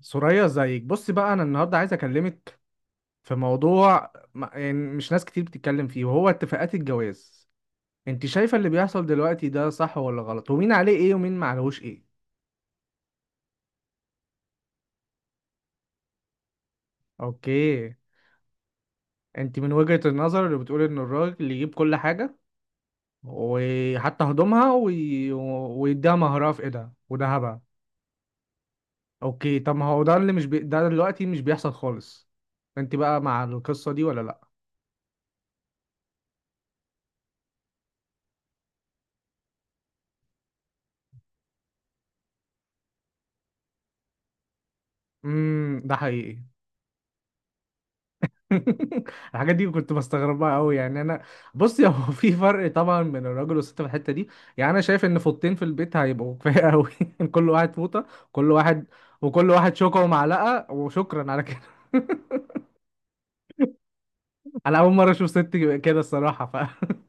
سوريا زيك بصي بقى انا النهارده عايز اكلمك في موضوع يعني مش ناس كتير بتتكلم فيه، وهو اتفاقات الجواز. انت شايفه اللي بيحصل دلوقتي ده صح ولا غلط، ومين عليه ايه ومين ما عليهوش ايه؟ اوكي. انت من وجهة النظر اللي بتقول ان الراجل يجيب كل حاجه، وحتى هدومها ويديها مهرها في ايدها وذهبها. اوكي، طب ما هو ده اللي مش بي... ده دلوقتي مش بيحصل خالص. انت بقى مع القصه دي ولا لا؟ امم، ده حقيقي. الحاجات دي كنت بستغربها قوي يعني انا. بص، هو في فرق طبعا بين الراجل والست في الحته دي. يعني انا شايف ان فوطتين في البيت هيبقوا كفايه قوي. كل واحد فوطه، كل واحد، وكل واحد شوكه ومعلقه وشكرا على كده. انا اول مره اشوف ست كده، الصراحه، ف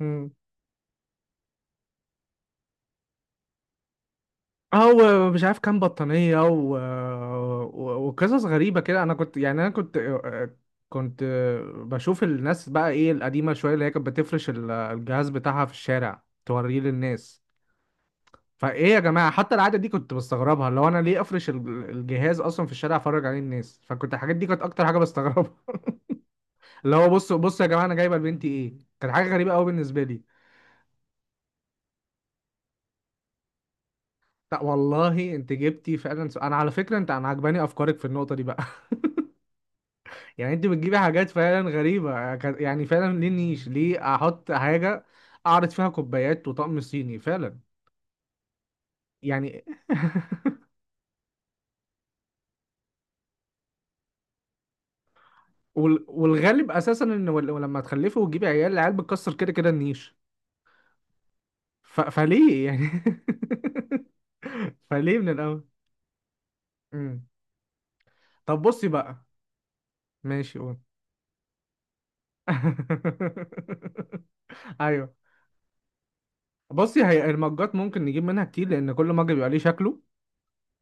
مم. او مش عارف كام بطانيه وقصص غريبه كده. انا كنت، يعني انا كنت بشوف الناس بقى ايه، القديمه شويه اللي هي كانت بتفرش الجهاز بتاعها في الشارع توريه للناس. فايه يا جماعه، حتى العاده دي كنت بستغربها، اللي هو انا ليه افرش الجهاز اصلا في الشارع افرج عليه الناس؟ فكنت الحاجات دي كانت اكتر حاجه بستغربها. اللي هو بصوا بصوا يا جماعه انا جايبه لبنتي ايه. كانت حاجه غريبه قوي بالنسبه لي. لا والله انت جبتي فعلا، انا على فكره انت، انا عجباني افكارك في النقطه دي بقى. يعني انت بتجيبي حاجات فعلا غريبه. يعني فعلا ليه نيش، ليه احط حاجه اعرض فيها كوبايات وطقم صيني فعلا؟ يعني والغالب اساسا ان لما تخلفي وتجيبي عيال، العيال بتكسر كده كده النيش. فليه يعني؟ فليه من الاول؟ مم. طب بصي بقى، ماشي قول. ايوه. بصي، هي المجات ممكن نجيب منها كتير، لان كل مج بيبقى ليه شكله،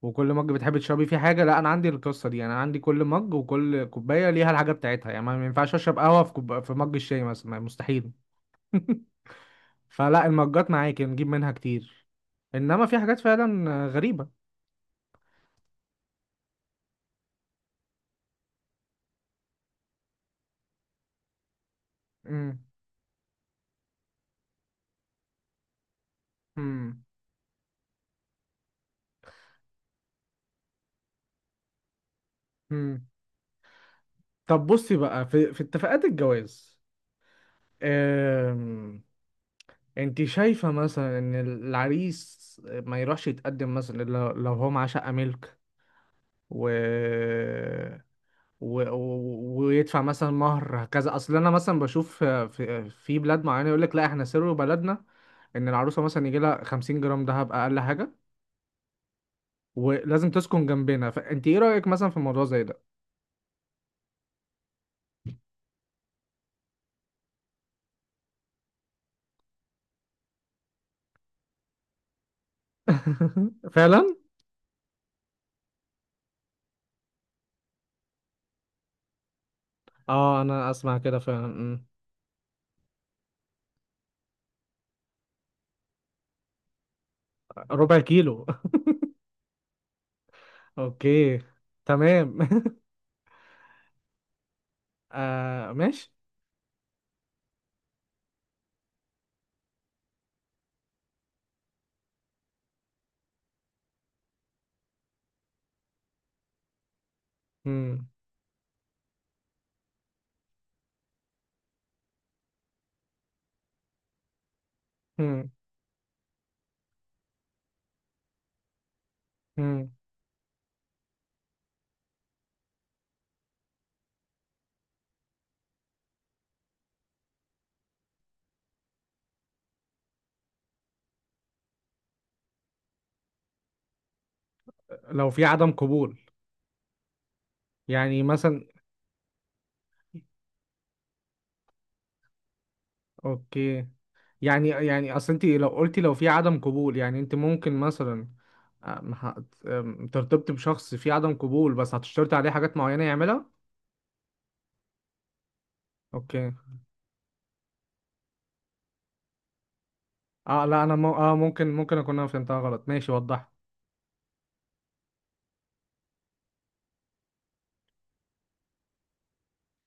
وكل مج بتحبي تشربي فيه حاجه. لا انا عندي القصه دي، يعني انا عندي كل مج وكل كوبايه ليها الحاجه بتاعتها. يعني ما ينفعش اشرب قهوه في في مج الشاي مثلا، مستحيل. فلا، المجات معاكي نجيب منها كتير، انما في حاجات فعلا غريبه. امم، امم. طب بصي بقى، في في اتفاقات الجواز، أم... انت شايفة مثلا ان العريس ما يروحش يتقدم مثلا إلا لو هو معاه شقة ملك، و... ويدفع مثلا مهر كذا؟ اصل انا مثلا بشوف في، في بلاد معينة يقول لك لا احنا سر بلدنا ان العروسة مثلا يجي لها 50 جرام دهب اقل حاجة، ولازم تسكن جنبنا. فانت ايه رأيك مثلا في موضوع زي ده؟ فعلا. اه انا اسمع كده فعلا، أمم. ربع كيلو. اوكي، تمام. آه ماشي. مم. مم. مم. لو في عدم قبول يعني مثلا. اوكي. يعني اصل انت لو قلتي لو في عدم قبول، يعني انت ممكن مثلا، أم، هت- أم، ترتبطي بشخص في عدم قبول بس هتشترطي عليه حاجات معينة يعملها؟ اوكي. اه لا، انا اه، ممكن ممكن اكون انا فهمتها غلط. ماشي، وضحت.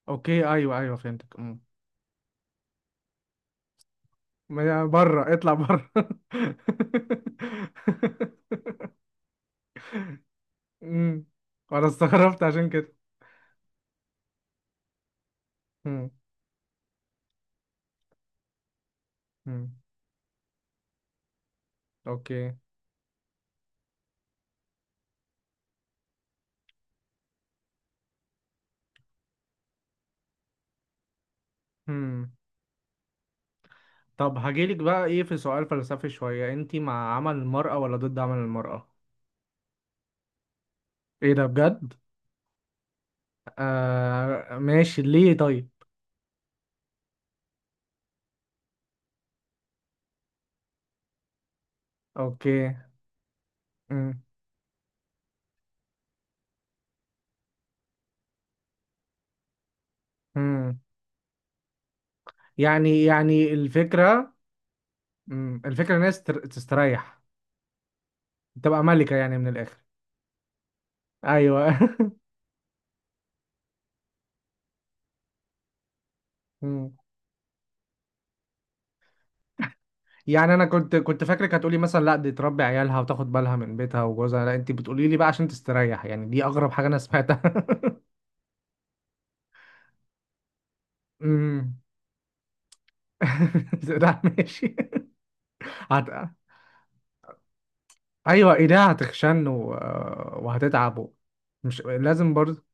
اوكي، ايوه ايوه، فهمتك. مم. بره، اطلع بره. مم. انا استغربت عشان كده. مم. مم. اوكي. طب هجيلك بقى ايه، في سؤال فلسفي شوية، انتي مع عمل المرأة ولا ضد عمل المرأة؟ ايه ده، بجد؟ آه ماشي، ليه طيب؟ اوكي. مم. مم. يعني يعني الفكرة، مم، الفكرة ان هي تستريح، تبقى ملكة يعني من الآخر. ايوه. مم. يعني انا كنت فاكرك هتقولي مثلا لا دي تربي عيالها وتاخد بالها من بيتها وجوزها، لا انتي بتقولي لي بقى عشان تستريح. يعني دي اغرب حاجة انا سمعتها. مم. ده ماشي. هت... ايوه، ايديها هتخشن وهتتعب، مش لازم برضه.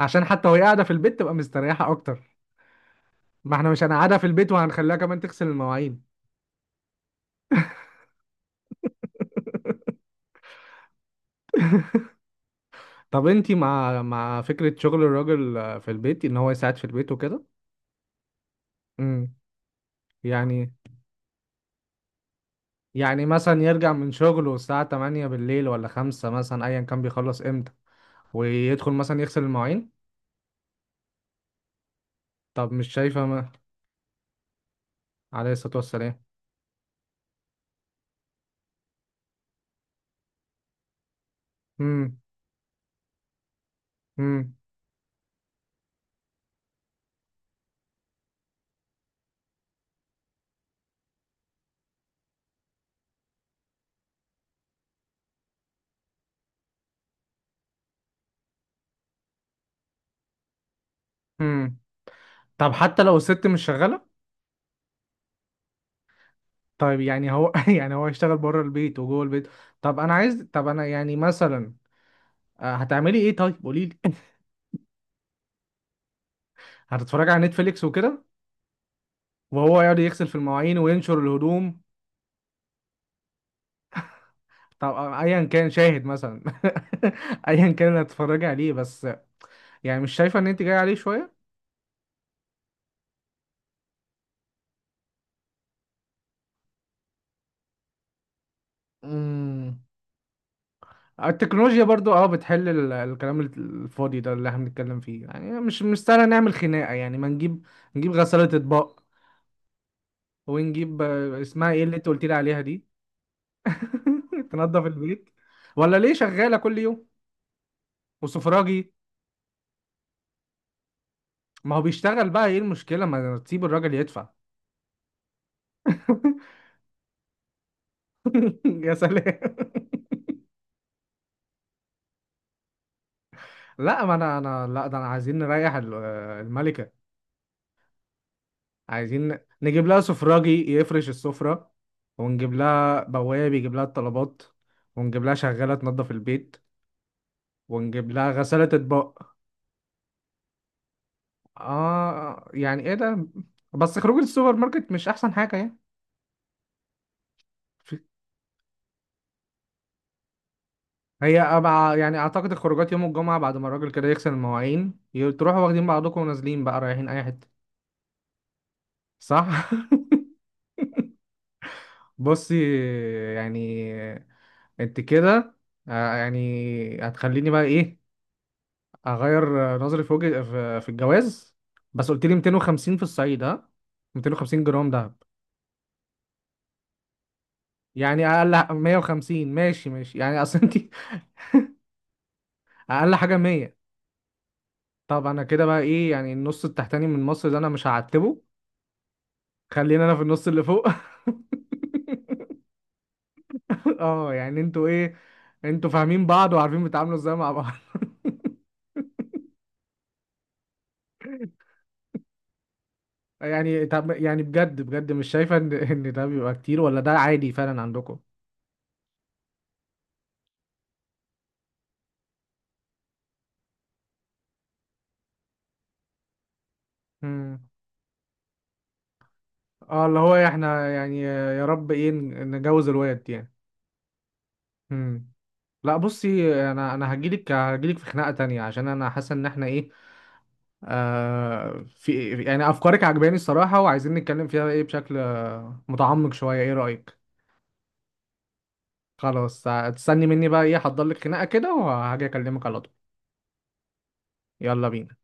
عشان حتى وهي قاعده في البيت تبقى مستريحه اكتر. ما احنا مش هنقعدها في البيت وهنخليها كمان تغسل المواعين. طب انتي مع مع فكره شغل الراجل في البيت، ان هو يساعد في البيت وكده؟ امم. يعني، يعني مثلا يرجع من شغله الساعه 8 بالليل ولا 5 مثلا، ايا كان بيخلص امتى، ويدخل مثلا يغسل المواعين. طب مش شايفه ما... عليه الصلاه والسلام. امم. امم. امم. طب حتى لو الست مش شغاله. طيب يعني هو يعني هو يشتغل بره البيت وجوه البيت. طب انا عايز، طب انا يعني مثلا، آه، هتعملي ايه طيب؟ قولي لي. هتتفرجي على نتفليكس وكده، وهو يقعد يغسل في المواعين وينشر الهدوم؟ طب آه، ايا كان شاهد مثلا، ايا كان اللي هتتفرجي عليه، بس يعني مش شايفه ان انت جاي عليه شويه؟ امم. التكنولوجيا برضو اه بتحل الكلام الفاضي ده اللي احنا بنتكلم فيه، يعني مش سهل نعمل خناقه. يعني ما نجيب، نجيب غساله اطباق، ونجيب آه، اسمها ايه اللي انت قلت لي عليها دي؟ تنظف البيت، ولا ليه شغالة كل يوم؟ وسفراجي. ما هو بيشتغل، بقى ايه المشكلة؟ ما تسيب الراجل يدفع. يا سلام. لا، ما انا انا لا، ده انا عايزين نريح الملكة. عايزين نجيب لها سفراجي يفرش السفرة، ونجيب لها بواب يجيب لها الطلبات، ونجيب لها شغالة تنظف البيت، ونجيب لها غسالة اطباق. اه يعني ايه ده؟ بس خروج السوبر ماركت مش احسن حاجة يعني. هي يعني اعتقد الخروجات يوم الجمعة بعد ما الراجل كده يغسل المواعين، تروحوا واخدين بعضكم ونازلين بقى رايحين اي حتة. صح؟ بصي، يعني انت كده، آه، يعني هتخليني بقى ايه اغير آه، نظري في وجه في في الجواز. بس قلت لي 250 في الصعيد ها؟ 250 جرام دهب؟ يعني اقل 150، ماشي ماشي يعني، اصل انت. اقل حاجة 100. طب انا كده بقى ايه، يعني النص التحتاني من مصر ده انا مش هعتبه، خلينا انا في النص اللي فوق. اه يعني انتوا ايه، انتوا فاهمين بعض وعارفين بتتعاملوا ازاي مع بعض. يعني طب يعني، بجد بجد مش شايفه ان ان ده بيبقى كتير، ولا ده عادي فعلا عندكم؟ امم. اه، اللي هو احنا يعني يا رب ايه نجوز الواد يعني. امم. لا بصي، انا هجيلك في خناقه تانية، عشان انا حاسه ان احنا ايه، آه في يعني افكارك عجباني الصراحه وعايزين نتكلم فيها ايه بشكل آه، متعمق شويه. ايه رايك؟ خلاص، هتستني مني بقى ايه، هحضر لك خناقه كده وهاجي اكلمك على طول. يلا بينا.